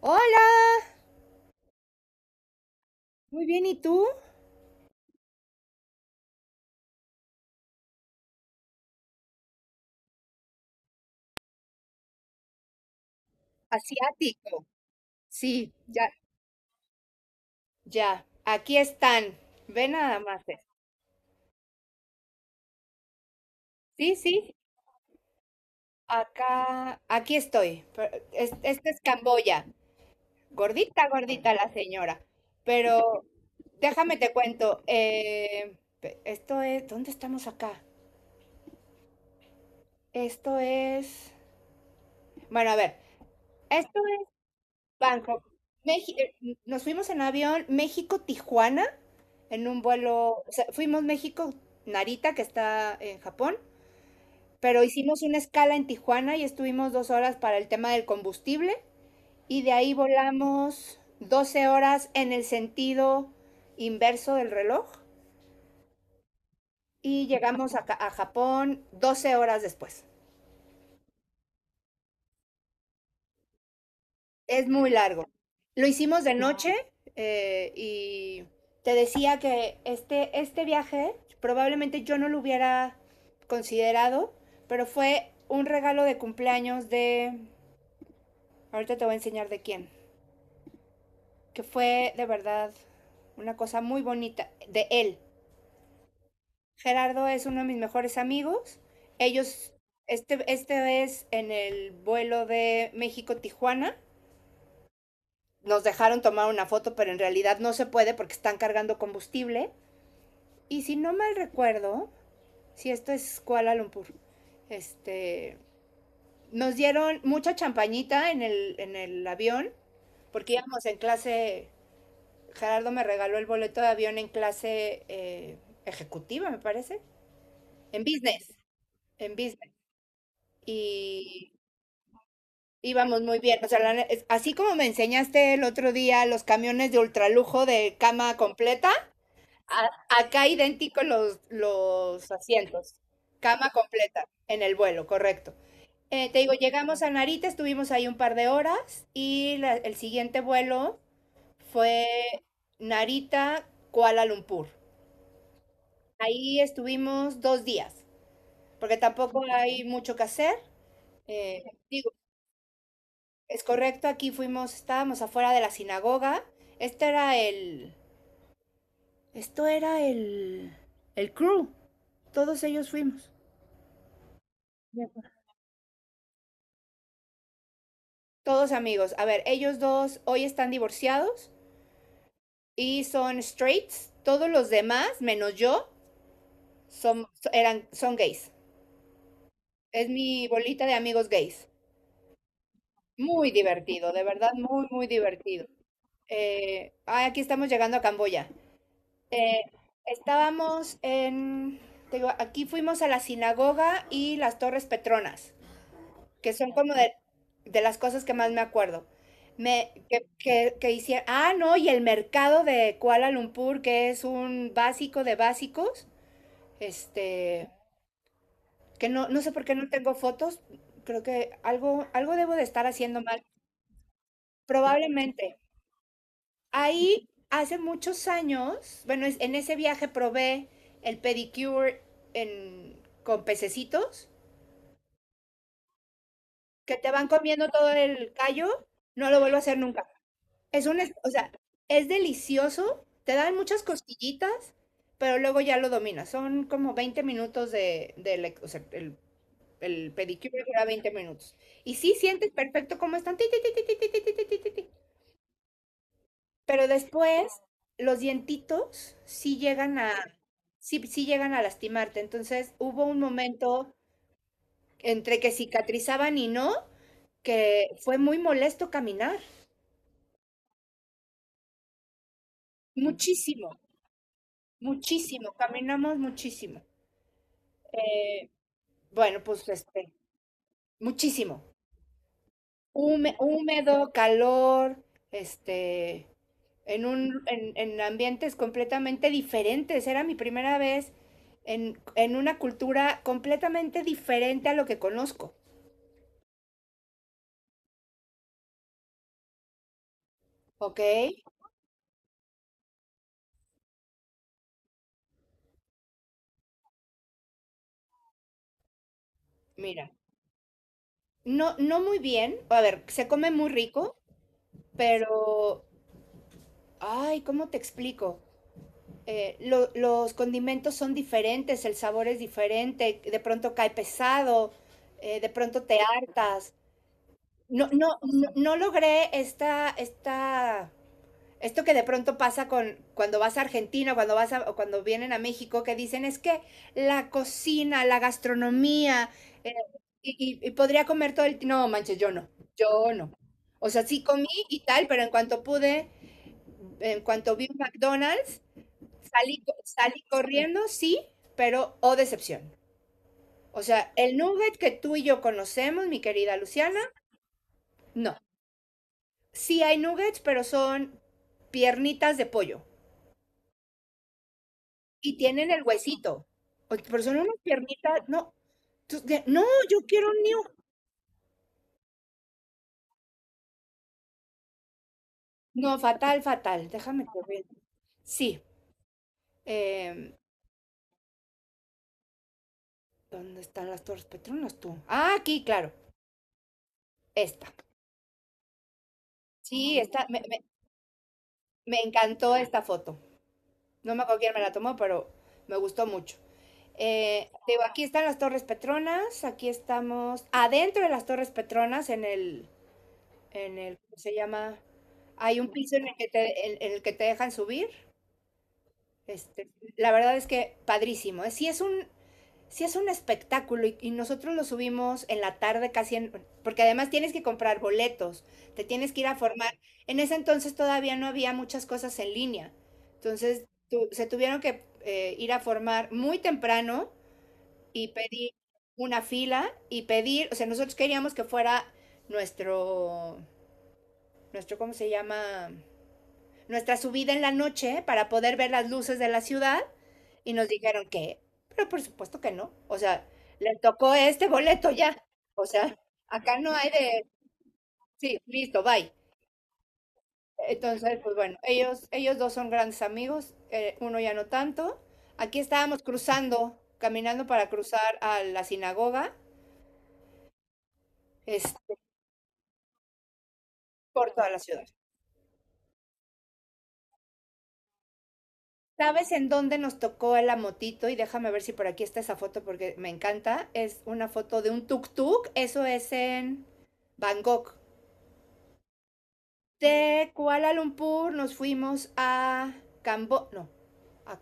Hola, muy bien, ¿y tú? Asiático. Sí, ya, ya. Aquí están. Ve nada más. Sí, sí. Acá, aquí estoy. Pero esta es Camboya. Gordita, gordita la señora. Pero déjame te cuento. Esto es, ¿dónde estamos acá? Esto es, bueno, a ver. Esto Bangkok. Nos fuimos en avión México-Tijuana, en un vuelo, o sea, fuimos México-Narita, que está en Japón, pero hicimos una escala en Tijuana y estuvimos 2 horas para el tema del combustible y de ahí volamos 12 horas en el sentido inverso del reloj y llegamos a Japón 12 horas después. Es muy largo. Lo hicimos de noche, y te decía que este viaje probablemente yo no lo hubiera considerado, pero fue un regalo de cumpleaños de, ahorita te voy a enseñar de quién, que fue de verdad una cosa muy bonita, de él. Gerardo es uno de mis mejores amigos. Ellos, este es en el vuelo de México-Tijuana, nos dejaron tomar una foto, pero en realidad no se puede porque están cargando combustible. Y si no mal recuerdo, si esto es Kuala Lumpur, este, nos dieron mucha champañita en el avión, porque íbamos en clase. Gerardo me regaló el boleto de avión en clase, ejecutiva, me parece, en business, en business. Y íbamos muy bien. O sea, así como me enseñaste el otro día los camiones de ultralujo de cama completa, A- acá idéntico los asientos, cama completa en el vuelo, correcto. Te digo, llegamos a Narita, estuvimos ahí un par de horas y el siguiente vuelo fue Narita, Kuala Lumpur. Ahí estuvimos 2 días, porque tampoco hay mucho que hacer. Eh, Digo, es correcto, aquí fuimos, estábamos afuera de la sinagoga. Este era el, esto era el crew, todos ellos fuimos. Todos amigos. A ver, ellos dos hoy están divorciados y son straights. Todos los demás, menos yo, son, eran, son gays. Es mi bolita de amigos gays. Muy divertido, de verdad, muy, muy divertido. Aquí estamos llegando a Camboya. Eh, estábamos en... Te digo, aquí fuimos a la sinagoga y las Torres Petronas, que son como de, las cosas que más me acuerdo. Que hicieron, ah, no, y el mercado de Kuala Lumpur, que es un básico de básicos, este, que no, no sé por qué no tengo fotos. Creo que algo, algo debo de estar haciendo mal, probablemente. Ahí, hace muchos años, bueno, en ese viaje probé el pedicure en, con pececitos, que te van comiendo todo el callo. No lo vuelvo a hacer nunca. O sea, es delicioso, te dan muchas costillitas, pero luego ya lo dominas. Son como 20 minutos o sea, el pedicure dura 20 minutos. Y sí sientes perfecto cómo están, ti, ti, ti, ti, ti, ti, ti, ti, ti, ti, ti. Pero después los dientitos sí llegan a, sí, sí llegan a lastimarte. Entonces hubo un momento entre que cicatrizaban y no, que fue muy molesto caminar. Muchísimo, muchísimo, caminamos muchísimo. Eh, bueno, pues muchísimo. Húmedo, calor, este, en ambientes completamente diferentes. Era mi primera vez en una cultura completamente diferente a lo que conozco. ¿Ok? Mira, no, no muy bien. A ver, se come muy rico, pero, ay, ¿cómo te explico? Los condimentos son diferentes, el sabor es diferente, de pronto cae pesado, de pronto te hartas. No, no, no, no logré esto que de pronto pasa con cuando vas a Argentina, cuando vas a, o cuando vienen a México, que dicen es que la cocina, la gastronomía, eh, y podría comer todo el tiempo. No, manches, yo no, yo no. O sea, sí comí y tal, pero en cuanto pude, en cuanto vi un McDonald's, salí corriendo, sí, pero o decepción. O sea, el nugget que tú y yo conocemos, mi querida Luciana, no. Sí hay nuggets, pero son piernitas de pollo y tienen el huesito. Pero son unas piernitas, no. No, yo quiero un new. No, fatal, fatal. Déjame correr. Sí. em, ¿Dónde están las Torres Petronas tú? Ah, aquí, claro. Esta. Sí, esta, me encantó esta foto. No me acuerdo quién me la tomó, pero me gustó mucho. Digo, aquí están las Torres Petronas, aquí estamos adentro de las Torres Petronas, en el, ¿cómo se llama? Hay un piso en el en el que te dejan subir. Este, la verdad es que padrísimo. ¿Eh? Sí es un espectáculo y nosotros lo subimos en la tarde casi, porque además tienes que comprar boletos, te tienes que ir a formar. En ese entonces todavía no había muchas cosas en línea. Entonces se tuvieron que ir a formar muy temprano y pedir una fila y pedir, o sea, nosotros queríamos que fuera nuestro, nuestro, ¿cómo se llama? Nuestra subida en la noche para poder ver las luces de la ciudad, y nos dijeron que, pero por supuesto que no, o sea, le tocó este boleto ya, o sea, acá no hay de, sí, listo, bye. Entonces, pues bueno, ellos dos son grandes amigos, uno ya no tanto. Aquí estábamos cruzando, caminando para cruzar a la sinagoga, este, por toda la ciudad. ¿Sabes en dónde nos tocó la motito? Y déjame ver si por aquí está esa foto porque me encanta. Es una foto de un tuk-tuk. Eso es en Bangkok. De Kuala Lumpur nos fuimos a No, ¿a,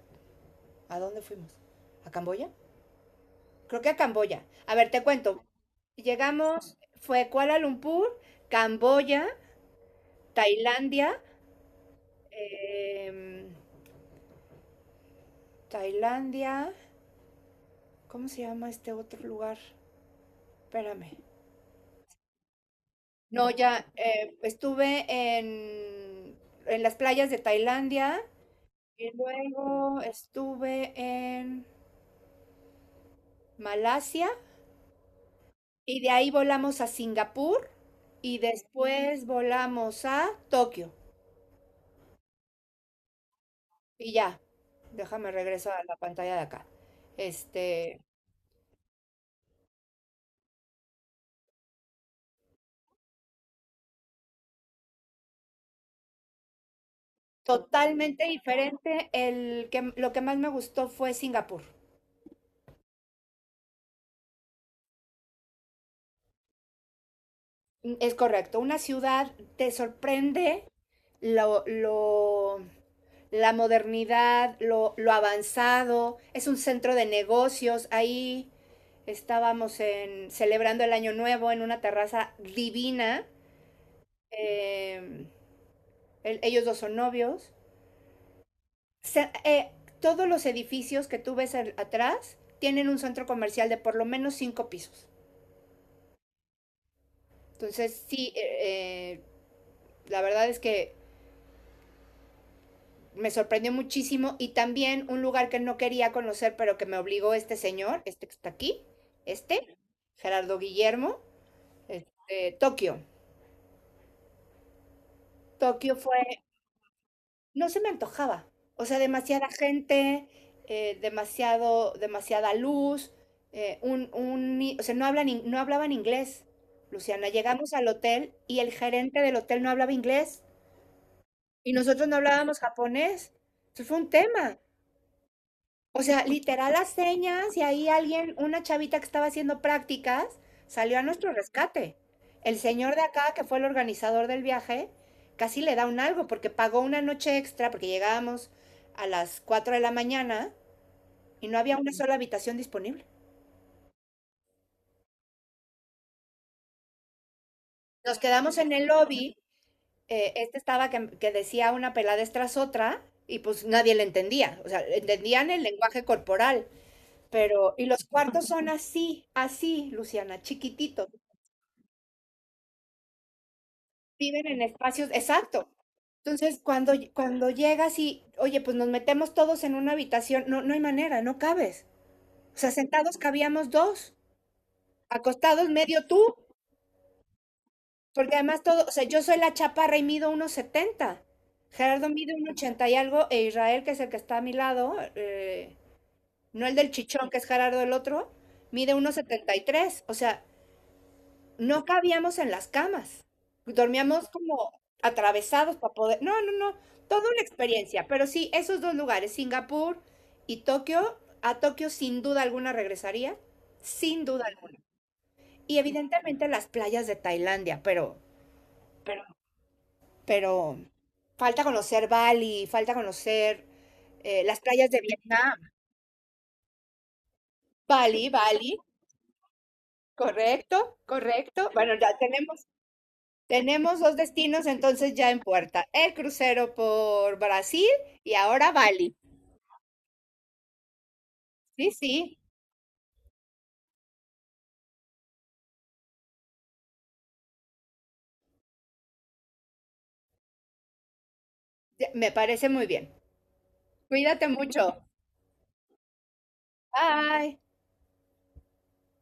a dónde fuimos? ¿A Camboya? Creo que a Camboya. A ver, te cuento. Llegamos, fue Kuala Lumpur, Camboya, Tailandia, em, Tailandia, ¿cómo se llama este otro lugar? Espérame. No, ya estuve en las playas de Tailandia y luego estuve en Malasia y de ahí volamos a Singapur y después volamos a Tokio y ya. Déjame regreso a la pantalla de acá. Este, Totalmente diferente. Lo que más me gustó fue Singapur. Es correcto, una ciudad te sorprende lo, la modernidad, lo avanzado, es un centro de negocios. Ahí estábamos celebrando el Año Nuevo en una terraza divina. Eh, Ellos dos son novios. Se, eh, Todos los edificios que tú ves atrás tienen un centro comercial de por lo menos cinco pisos. Entonces, sí, la verdad es que me sorprendió muchísimo, y también un lugar que no quería conocer, pero que me obligó este señor, este que está aquí, este, Gerardo Guillermo, Tokio. Tokio fue, no se me antojaba, o sea, demasiada gente, demasiado, demasiada luz, o sea, no, no hablaban inglés. Luciana, llegamos al hotel y el gerente del hotel no hablaba inglés y nosotros no hablábamos japonés. Eso fue un tema. O sea, literal las señas, y ahí alguien, una chavita que estaba haciendo prácticas, salió a nuestro rescate. El señor de acá, que fue el organizador del viaje, casi le da un algo porque pagó una noche extra porque llegábamos a las 4 de la mañana y no había una sola habitación disponible. Nos quedamos en el lobby, este estaba que decía una peladez tras otra, y pues nadie le entendía, o sea, entendían el lenguaje corporal, pero y los cuartos son así, así, Luciana, chiquititos. Viven en espacios, exacto. Entonces, cuando llegas y, oye, pues nos metemos todos en una habitación, no, no hay manera, no cabes. O sea, sentados cabíamos dos, acostados medio tú, porque además todo, o sea, yo soy la chaparra y mido unos 70. Gerardo mide un 80 y algo, e Israel, que es el que está a mi lado, no el del chichón, que es Gerardo el otro, mide unos 73. O sea, no cabíamos en las camas. Dormíamos como atravesados para poder. No, no, no. Toda una experiencia. Pero sí, esos dos lugares, Singapur y Tokio. A Tokio sin duda alguna regresaría. Sin duda alguna. Y evidentemente las playas de Tailandia, pero, pero, pero, falta conocer Bali, falta conocer las playas de Vietnam. Bali, Bali. Correcto, correcto. Bueno, tenemos dos destinos entonces ya en puerta, el crucero por Brasil y ahora Bali. Sí, sí, me parece muy bien. Cuídate mucho. Bye.